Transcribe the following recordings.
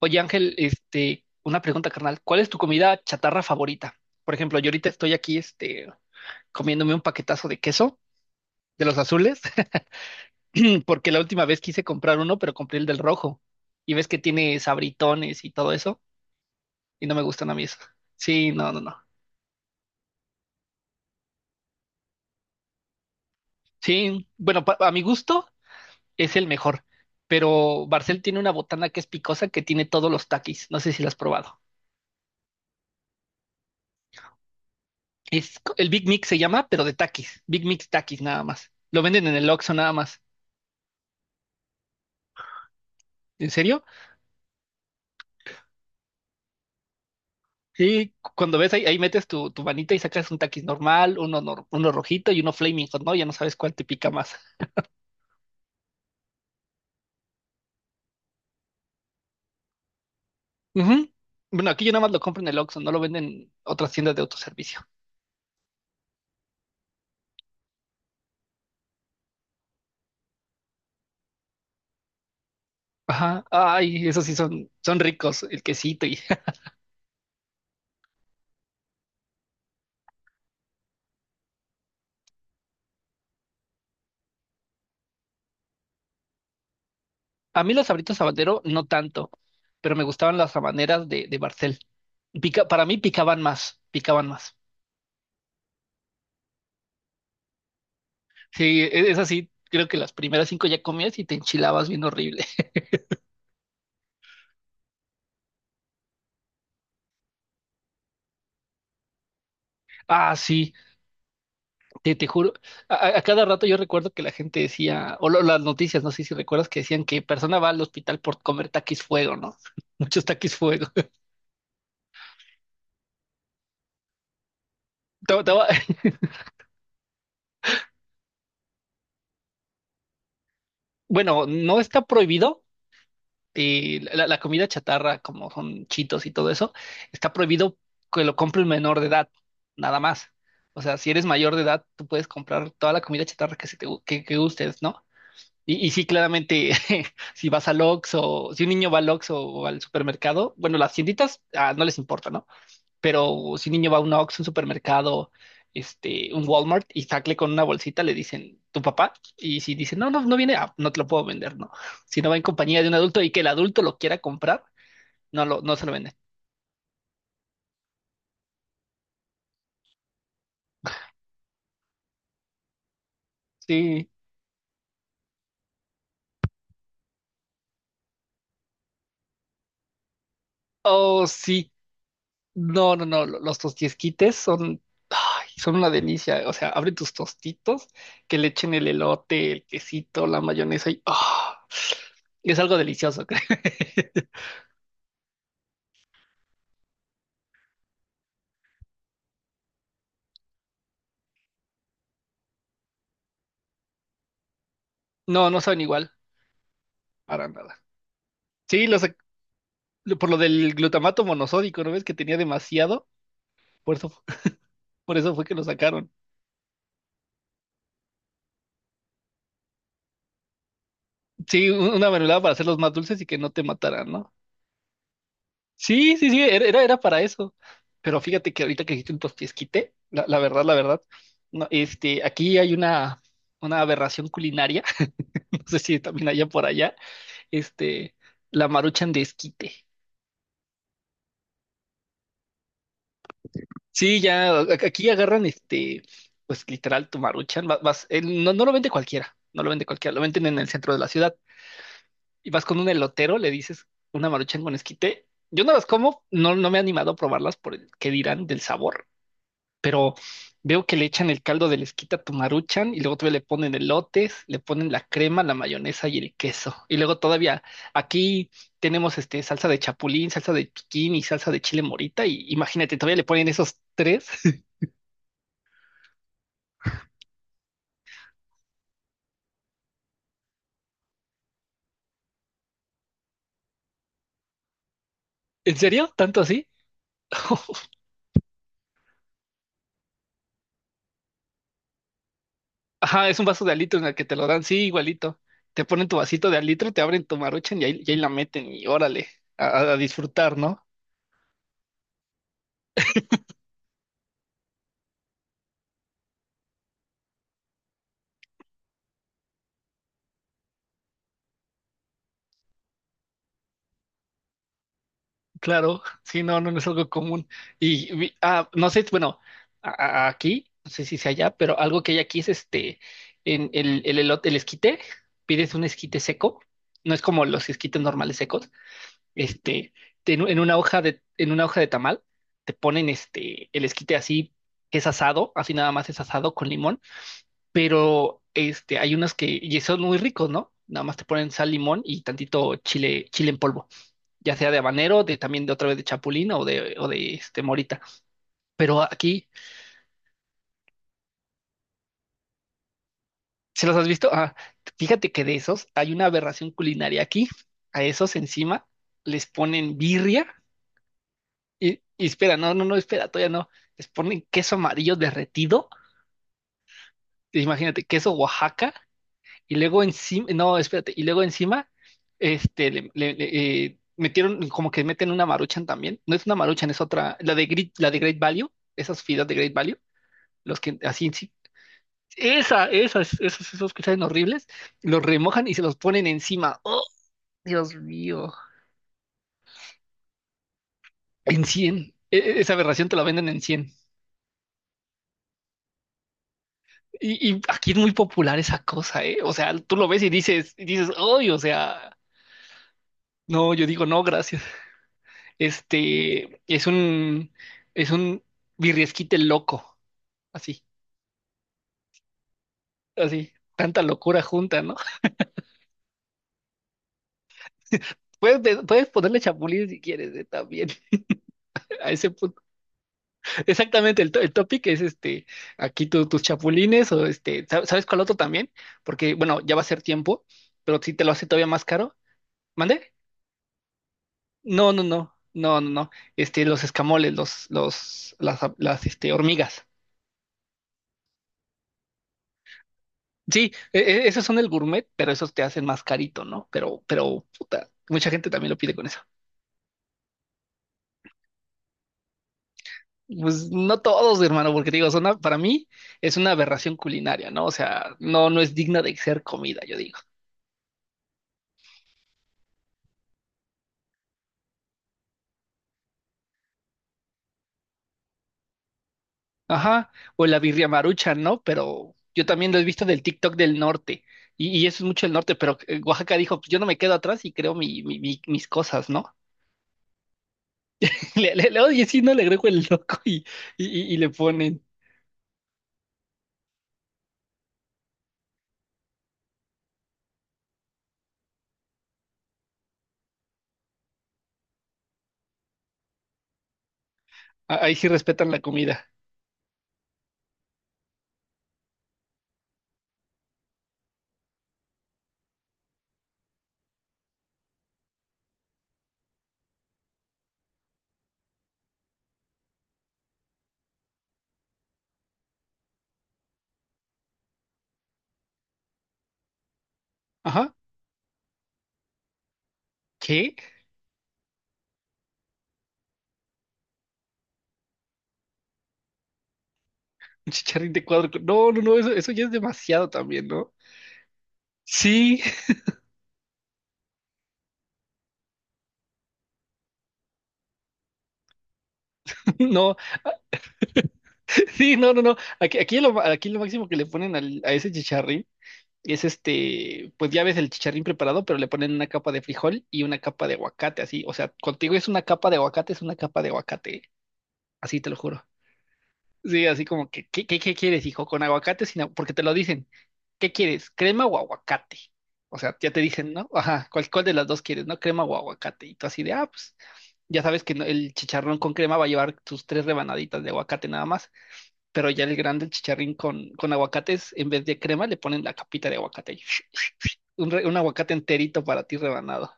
Oye, Ángel, una pregunta, carnal. ¿Cuál es tu comida chatarra favorita? Por ejemplo, yo ahorita estoy aquí, comiéndome un paquetazo de queso de los azules, porque la última vez quise comprar uno, pero compré el del rojo. Y ves que tiene sabritones y todo eso, y no me gustan a mí eso. Sí, no, no, no. Sí, bueno, a mi gusto es el mejor, pero Barcel tiene una botana que es picosa que tiene todos los takis. No sé si la has probado. El Big Mix se llama, pero de takis. Big Mix takis nada más. Lo venden en el Oxxo nada más. ¿En serio? Y cuando ves ahí, metes tu manita y sacas un taquis normal, uno, nor- uno rojito y uno flaming hot, ¿no? Ya no sabes cuál te pica más. Ujú. Bueno, aquí yo nada más lo compro en el Oxxo, no lo venden en otras tiendas de autoservicio. Ajá. Ay, esos sí son ricos, el quesito y. A mí los Sabritos Habanero no tanto, pero me gustaban las habaneras de, Barcel. Pica, para mí picaban más, picaban más. Sí, es así, creo que las primeras cinco ya comías y te enchilabas bien horrible. Ah, sí. Te juro, a cada rato yo recuerdo que la gente decía, las noticias, no sé si recuerdas que decían que persona va al hospital por comer taquis fuego, ¿no? Muchos taquis fuego. Te- te va- Bueno, no está prohibido la comida chatarra, como son chitos y todo eso, está prohibido que lo compre un menor de edad, nada más. O sea, si eres mayor de edad, tú puedes comprar toda la comida chatarra que, se te, gu- que gustes, ¿no? Y sí, claramente, si vas al Oxxo, si un niño va al Oxxo o al supermercado, bueno, las tienditas no les importa, ¿no? Pero si un niño va a un Oxxo, un supermercado, un Walmart y sacle con una bolsita, le dicen, ¿tu papá? Y si dice, no, no, no viene, no te lo puedo vender, ¿no? Si no va en compañía de un adulto y que el adulto lo quiera comprar, no se lo venden. Sí. Oh, sí. No, no, no, los tostiesquites son, ay, son una delicia. O sea, abre tus tostitos, que le echen el elote, el quesito, la mayonesa y es algo delicioso, creo. No, no saben igual, para nada. Sí, por lo del glutamato monosódico, ¿no ves que tenía demasiado? Por eso, por eso fue que lo sacaron. Sí, una mermelada para hacerlos más dulces y que no te mataran, ¿no? Sí, sí, sí, era para eso. Pero fíjate que ahorita que dijiste un tostiesquite, la verdad, la verdad, no, aquí hay una aberración culinaria, no sé si también allá por allá, este, la maruchan de esquite. Sí, ya, aquí agarran, pues literal, tu maruchan, vas, no lo vende cualquiera, no lo vende cualquiera, lo venden en el centro de la ciudad. Y vas con un elotero, le dices una maruchan con esquite. Yo no las como, no, no me he animado a probarlas por el que dirán del sabor, pero veo que le echan el caldo de lesquita a tu Maruchan y luego todavía le ponen elotes, le ponen la crema, la mayonesa y el queso. Y luego todavía aquí tenemos salsa de chapulín, salsa de piquín y salsa de chile morita y, imagínate, todavía le ponen esos tres. ¿En serio? ¿Tanto así? Ajá, es un vaso de alito en el que te lo dan, sí, igualito. Te ponen tu vasito de alito, te abren tu Maruchan y y ahí la meten y órale, a disfrutar, ¿no? Claro, sí, no, no, no es algo común. Y no sé, bueno, aquí, no sé si sea allá, pero algo que hay aquí es en el elote, el esquite, pides un esquite seco, no es como los esquites normales secos, este, en una hoja de, tamal, te ponen el esquite así, que es asado, así nada más es asado con limón, pero hay unas y son muy ricos, ¿no? Nada más te ponen sal, limón y tantito chile, chile en polvo, ya sea de habanero, de también de otra vez de chapulín o de, morita. Pero aquí, ¿se los has visto? Ah, fíjate que de esos hay una aberración culinaria aquí. A esos encima les ponen birria y espera, no, no, no, espera, todavía no. Les ponen queso amarillo derretido. Imagínate, queso Oaxaca y luego encima, no, espérate, y luego encima, metieron, como que meten una maruchan también, no es una maruchan, es otra, la de Great Value, esas fideos de Great Value, los que así, sí, esos que saben horribles, los remojan y se los ponen encima. Oh, Dios mío. En 100. Esa aberración te la venden en 100. Y aquí es muy popular esa cosa, ¿eh? O sea, tú lo ves y dices, ¡ay! O sea, no, yo digo, no, gracias. Este, es un, es un birriesquite loco. Así, así. Tanta locura junta, ¿no? Puedes ponerle chapulín si quieres, ¿eh? También. A ese punto. Exactamente, el topic es este, aquí tus chapulines o sabes cuál otro también? Porque, bueno, ya va a ser tiempo, pero si te lo hace todavía más caro, ¿mande? No, no, no, no, no, no, los escamoles, las hormigas. Sí, esos son el gourmet, pero esos te hacen más carito, ¿no? Pero, puta, mucha gente también lo pide con eso. Pues no todos, hermano, porque te digo, para mí es una aberración culinaria, ¿no? O sea, no, no es digna de ser comida, yo digo. Ajá, o la birria maruchan, ¿no? Pero yo también lo he visto del TikTok del norte, y eso es mucho el norte, pero Oaxaca dijo, pues yo no me quedo atrás y creo mis cosas, ¿no? Oye, sí, no le agrego el loco y le ponen, ahí sí respetan la comida. Ajá, ¿qué? Un chicharrín de cuadro, no, no, no, eso ya es demasiado también, ¿no? Sí, no, sí, no, no, no, aquí lo máximo que le ponen a ese chicharrín. Es pues ya ves el chicharrín preparado, pero le ponen una capa de frijol y una capa de aguacate, así. O sea, contigo es una capa de aguacate, es una capa de aguacate, así te lo juro. Sí, así como que, ¿qué quieres, hijo? ¿Con aguacate? Sin agu- Porque te lo dicen, ¿qué quieres? ¿Crema o aguacate? O sea, ya te dicen, ¿no? Ajá, ¿cuál de las dos quieres, no? ¿Crema o aguacate? Y tú así de, pues ya sabes que no- el chicharrón con crema va a llevar sus tres rebanaditas de aguacate nada más, pero ya el grande, el chicharrín con, aguacates, en vez de crema, le ponen la capita de aguacate, un aguacate enterito para ti rebanado.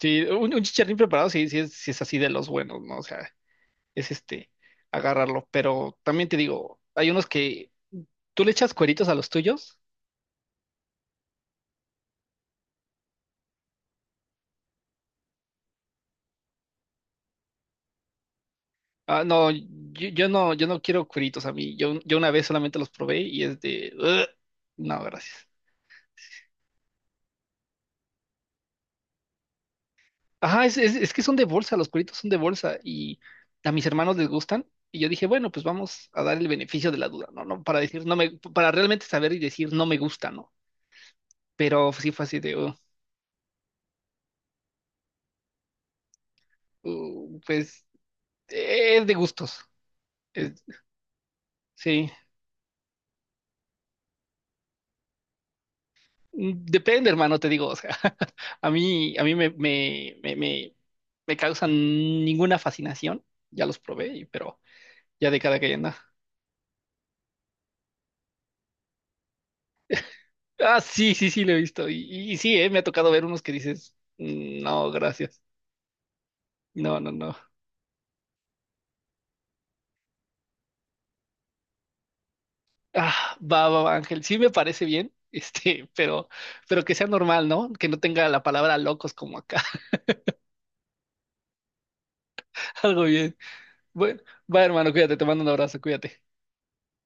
Sí, un chicharrín preparado sí, sí es así de los buenos, ¿no? O sea, es agarrarlo. Pero también te digo, hay unos que, ¿tú le echas cueritos a los tuyos? Ah, no, yo, yo no quiero cueritos a mí. Yo una vez solamente los probé y es de, "Ugh". No, gracias. Ajá, es que son de bolsa, los cueritos son de bolsa y a mis hermanos les gustan. Y yo dije, bueno, pues vamos a dar el beneficio de la duda, ¿no? No, para decir, no me, para realmente saber y decir, no me gusta, ¿no? Pero sí fue así de, pues es de gustos, es- sí. Depende, hermano, te digo, o sea, a mí me, me, me, me, me causan ninguna fascinación, ya los probé, pero ya de cada que anda. Ah, sí, sí, sí, lo he visto, y sí, me ha tocado ver unos que dices, "Mm, no, gracias, no, no, no". Ah, va, va, va, Ángel, sí me parece bien, este, pero, pero que sea normal, ¿no? Que no tenga la palabra locos como acá, algo bien. Bueno, va hermano, cuídate, te mando un abrazo, cuídate.